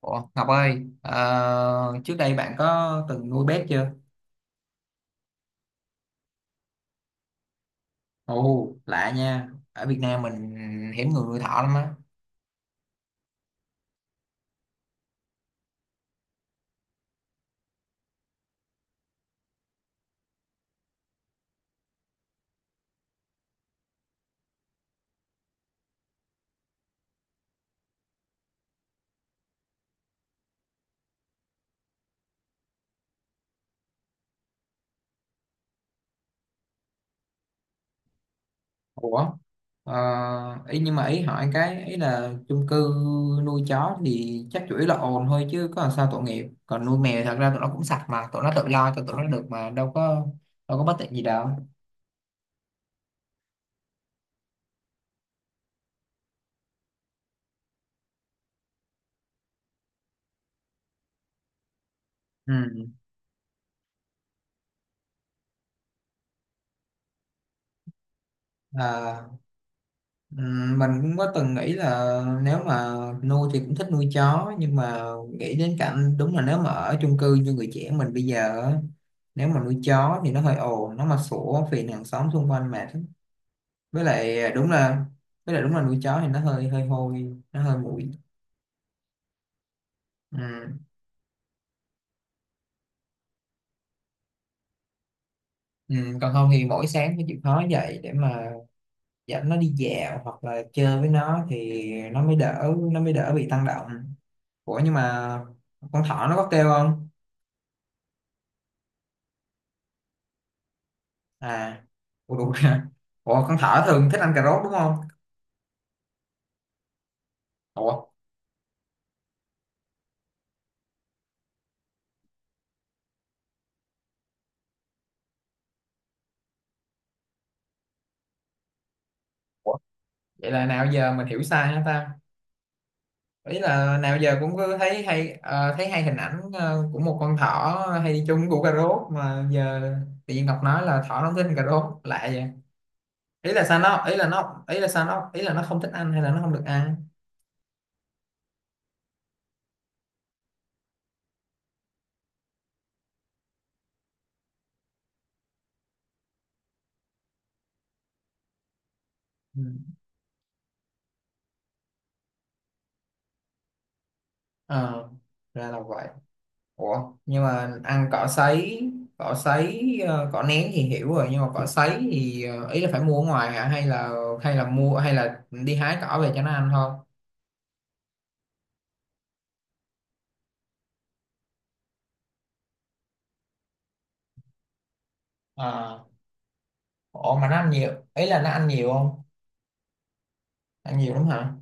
Ủa, Ngọc ơi, trước đây bạn có từng nuôi bét chưa? Ồ, lạ nha. Ở Việt Nam mình hiếm người nuôi thỏ lắm á. Ủa, ờ, ý nhưng mà ý hỏi cái ý là chung cư nuôi chó thì chắc chủ yếu là ồn thôi chứ có làm sao tội nghiệp. Còn nuôi mèo thật ra tụi nó cũng sạch mà, tụi nó tự lo cho tụi nó được mà đâu có bất tiện gì đâu. Ừ. Mình cũng có từng nghĩ là nếu mà nuôi thì cũng thích nuôi chó nhưng mà nghĩ đến cảnh đúng là nếu mà ở chung cư như người trẻ mình bây giờ á, nếu mà nuôi chó thì nó hơi ồn nó mà sủa phiền hàng xóm xung quanh mệt lắm. Với lại đúng là với lại đúng là nuôi chó thì nó hơi hơi hôi nó hơi bụi. Ừm, còn không thì mỗi sáng phải chịu khó dậy để mà dẫn nó đi dạo hoặc là chơi với nó thì nó mới đỡ nó mới đỡ bị tăng động. Ủa nhưng mà con thỏ nó có kêu không? À, ủa đúng rồi. Ủa con thỏ thường thích ăn cà rốt đúng không? Ủa. Ủa? Vậy là nào giờ mình hiểu sai hả ta? Ý là nào giờ cũng cứ thấy hay hình ảnh của một con thỏ hay đi chung củ cà rốt mà giờ tự nhiên Ngọc nói là thỏ nó không thích ăn cà rốt lạ vậy. Ý là nó không thích ăn hay là nó không được ăn? Ừ. Ờ, ra là vậy. Ủa, nhưng mà ăn cỏ sấy, cỏ nén thì hiểu rồi, nhưng mà cỏ sấy thì ý là phải mua ở ngoài hả? Hay là mua hay là đi hái cỏ về cho nó ăn thôi? À, ủa mà nó ăn nhiều, ý là nó ăn nhiều không? Ăn nhiều lắm hả?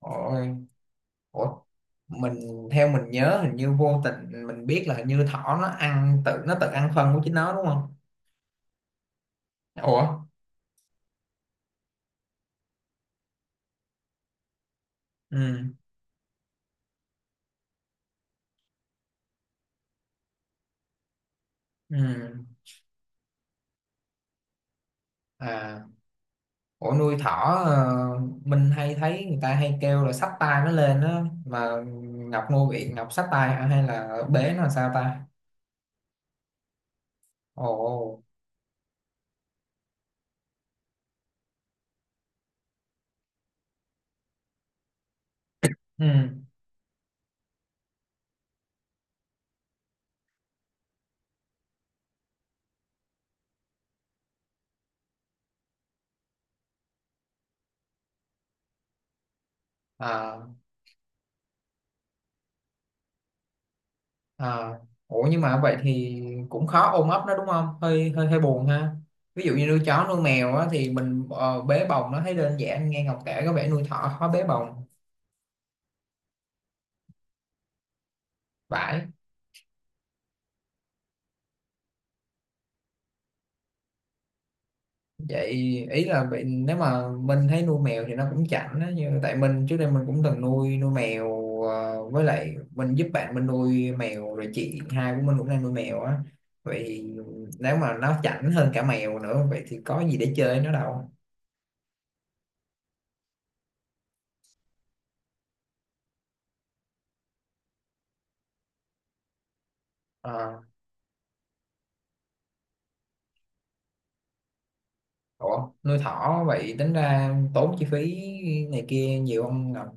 Ôi, ủa, mình theo mình nhớ hình như vô tình mình biết là hình như thỏ nó ăn tự nó tự ăn phân của chính nó đúng không? Ủa, ừ, ừ, à. Ủa nuôi thỏ, ờ, mình hay thấy người ta hay kêu là xách tay nó lên á mà Ngọc nuôi bị Ngọc xách tay hả? Hay là bế nó làm sao ta? Ồ. Ừ. À, à. Ủa nhưng mà vậy thì cũng khó ôm ấp nó đúng không? Hơi hơi hơi buồn ha. Ví dụ như nuôi chó nuôi mèo á thì mình bế bồng nó thấy đơn giản nghe Ngọc kể có vẻ nuôi thỏ khó bế bồng. Vãi. Vậy ý là bị nếu mà Minh thấy nuôi mèo thì nó cũng chảnh á như tại mình trước đây mình cũng từng nuôi nuôi mèo với lại mình giúp bạn mình nuôi mèo rồi chị hai của mình cũng đang nuôi mèo á. Vậy thì nếu mà nó chảnh hơn cả mèo nữa vậy thì có gì để chơi nó đâu? Ờ, ủa nuôi thỏ vậy tính ra tốn chi phí này kia nhiều không Ngọc?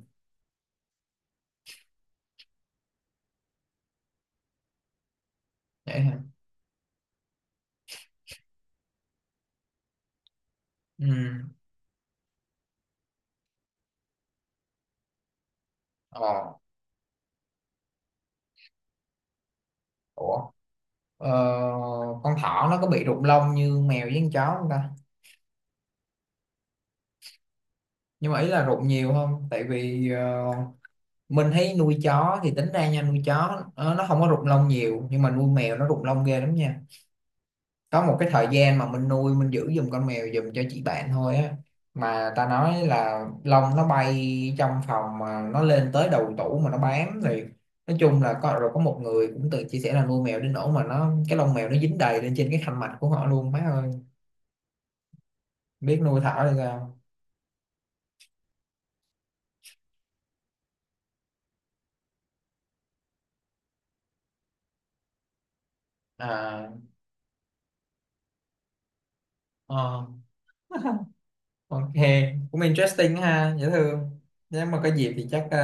Vậy hả? Ừ. Ờ. Ủa. ờ, con thỏ nó có bị rụng lông như mèo với con chó không ta? Nhưng mà ý là rụng nhiều không tại vì mình thấy nuôi chó thì tính ra nha nuôi chó nó không có rụng lông nhiều nhưng mà nuôi mèo nó rụng lông ghê lắm nha. Có một cái thời gian mà mình nuôi mình giữ giùm con mèo giùm cho chị bạn thôi á mà ta nói là lông nó bay trong phòng mà nó lên tới đầu tủ mà nó bám thì nói chung là có rồi có một người cũng tự chia sẻ là nuôi mèo đến nỗi mà nó cái lông mèo nó dính đầy lên trên cái khăn mạch của họ luôn má ơi biết nuôi thảo hay sao. À. Ờ. Ok, cũng interesting ha, dễ thương. Nếu mà có dịp thì chắc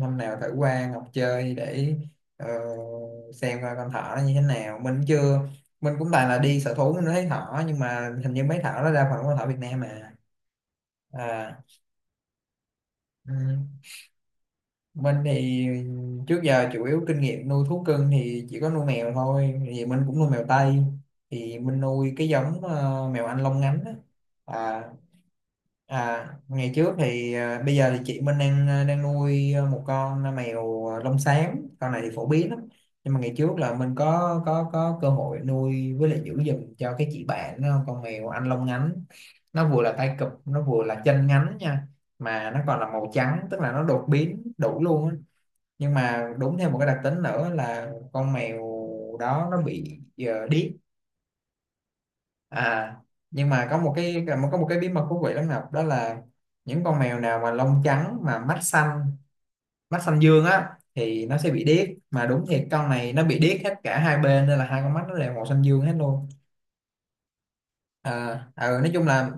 năm nào thử qua Ngọc chơi để ờ, xem coi con thỏ nó như thế nào. Mình chưa, mình cũng toàn là đi sở thú mình mới thấy thỏ nhưng mà hình như mấy thỏ nó đa phần là con thỏ Việt Nam mà. À, ừ mình thì trước giờ chủ yếu kinh nghiệm nuôi thú cưng thì chỉ có nuôi mèo thôi thì mình cũng nuôi mèo Tây thì mình nuôi cái giống mèo Anh lông ngắn á. À. À, ngày trước thì bây giờ thì chị mình đang nuôi một con mèo lông xám con này thì phổ biến lắm. Nhưng mà ngày trước là mình có cơ hội nuôi với lại giữ giùm cho cái chị bạn đó, con mèo Anh lông ngắn. Nó vừa là tai cụp nó vừa là chân ngắn nha. Mà nó còn là màu trắng tức là nó đột biến đủ luôn á. Nhưng mà đúng thêm một cái đặc tính nữa là con mèo đó nó bị điếc. À. Nhưng mà có một cái bí mật thú vị lắm Ngọc đó là những con mèo nào mà lông trắng mà mắt xanh dương á thì nó sẽ bị điếc mà đúng thiệt con này nó bị điếc hết cả hai bên nên là hai con mắt nó đều màu xanh dương hết luôn. À. Ừ, nói chung là.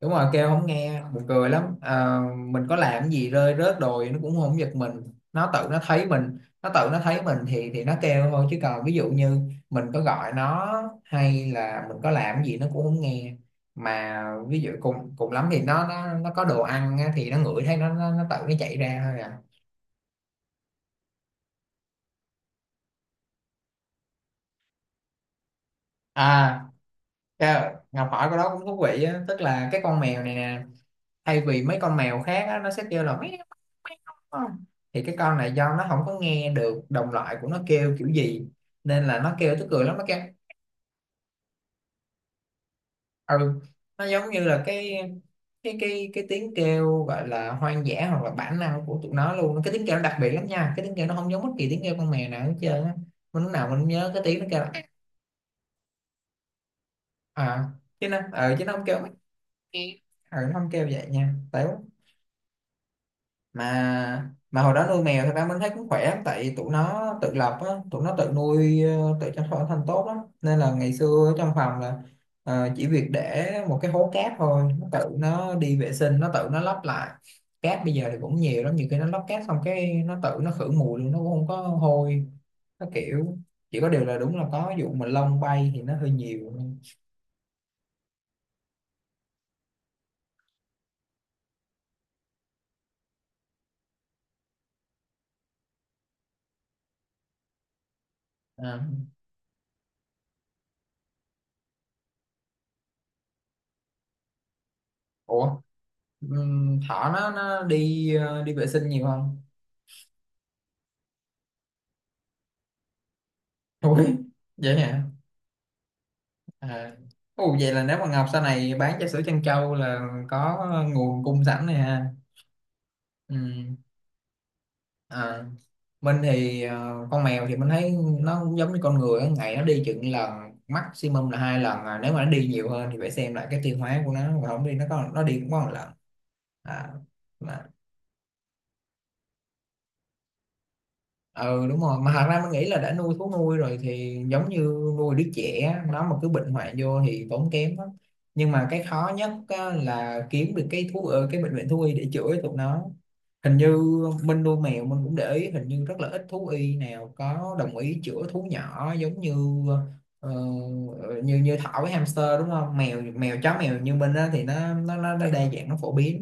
Đúng rồi kêu không nghe buồn cười lắm. Ờ, mình có làm cái gì rơi rớt đồi nó cũng không giật mình. Nó tự nó thấy mình thì nó kêu thôi chứ còn ví dụ như mình có gọi nó hay là mình có làm cái gì nó cũng không nghe. Mà ví dụ cùng cùng lắm thì nó có đồ ăn á, thì nó ngửi thấy nó tự nó chạy ra thôi à. À. Ngọc hỏi cái đó cũng thú vị á tức là cái con mèo này nè thay vì mấy con mèo khác á, nó sẽ kêu là meo, meo, không? Thì cái con này do nó không có nghe được đồng loại của nó kêu kiểu gì nên là nó kêu tức cười lắm nó kêu. Ừ. Nó giống như là cái tiếng kêu gọi là hoang dã hoặc là bản năng của tụi nó luôn cái tiếng kêu nó đặc biệt lắm nha cái tiếng kêu nó không giống bất kỳ tiếng kêu con mèo nào hết trơn á. Mình lúc nào mình cũng nhớ cái tiếng nó kêu là. À. Chứ nó không kêu mấy. Ừ, nó không kêu vậy nha tại. Mà hồi đó nuôi mèo thì ba mình thấy cũng khỏe lắm tại tụi nó tự lập á tụi nó tự chăm sóc bản thân tốt lắm nên là ngày xưa trong phòng là chỉ việc để một cái hố cát thôi nó tự nó đi vệ sinh nó tự nó lấp lại. Cát bây giờ thì cũng nhiều lắm nhiều khi nó lấp cát xong cái nó tự nó khử mùi luôn nó cũng không có hôi. Nó kiểu chỉ có điều là đúng là có vụ mà lông bay thì nó hơi nhiều. À. Ủa, thỏ nó đi vệ sinh nhiều không? Ui. Vậy hả. À. Ồ, vậy là nếu mà Ngọc sau này bán trà sữa Trân Châu là có nguồn cung sẵn này ha. Ừ. À. Mình thì con mèo thì mình thấy nó cũng giống như con người á, ngày nó đi chừng lần maximum là hai lần à. Nếu mà nó đi nhiều hơn thì phải xem lại cái tiêu hóa của nó và không đi nó có nó đi cũng có một lần à. Mà ừ đúng rồi mà thật ra mình nghĩ là đã nuôi thú nuôi rồi thì giống như nuôi đứa trẻ á, nó mà cứ bệnh hoạn vô thì tốn kém lắm. Nhưng mà cái khó nhất á, là kiếm được cái bệnh viện thú y để chữa cho tụi nó. Hình như mình nuôi mèo mình cũng để ý hình như rất là ít thú y nào có đồng ý chữa thú nhỏ giống như ờ, như như thỏ với hamster đúng không mèo mèo chó mèo như mình á thì nó đa dạng nó phổ biến.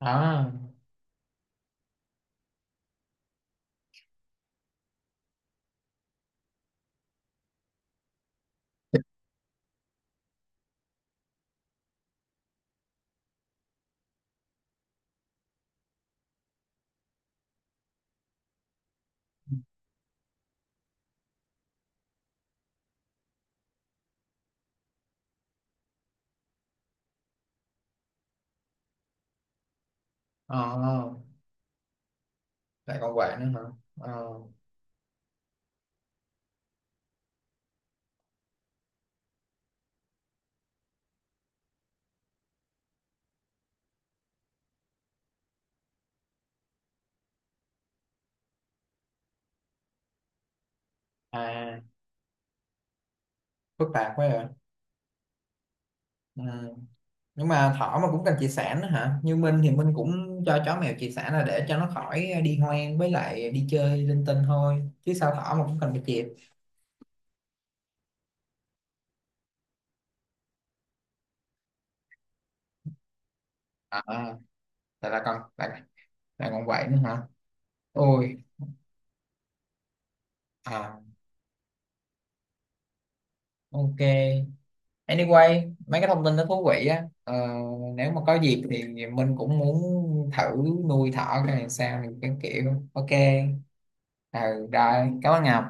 À. Ờ, lại còn vậy nữa hả? Ờ. À, phức tạp quá à. Ừ. Nhưng mà thỏ mà cũng cần chia sẻ nữa hả như Minh thì Minh cũng cho chó mèo chia sẻ là để cho nó khỏi đi hoang với lại đi chơi linh tinh thôi chứ sao thỏ mà cũng cần phải chịp. À tại là còn lại lại còn vậy nữa hả? Ôi. À. Ok anyway mấy cái thông tin đó thú vị á nếu mà có dịp thì Minh cũng muốn thử nuôi thỏ cái này sao cái kiểu ok. Ừ rồi cảm ơn Ngọc.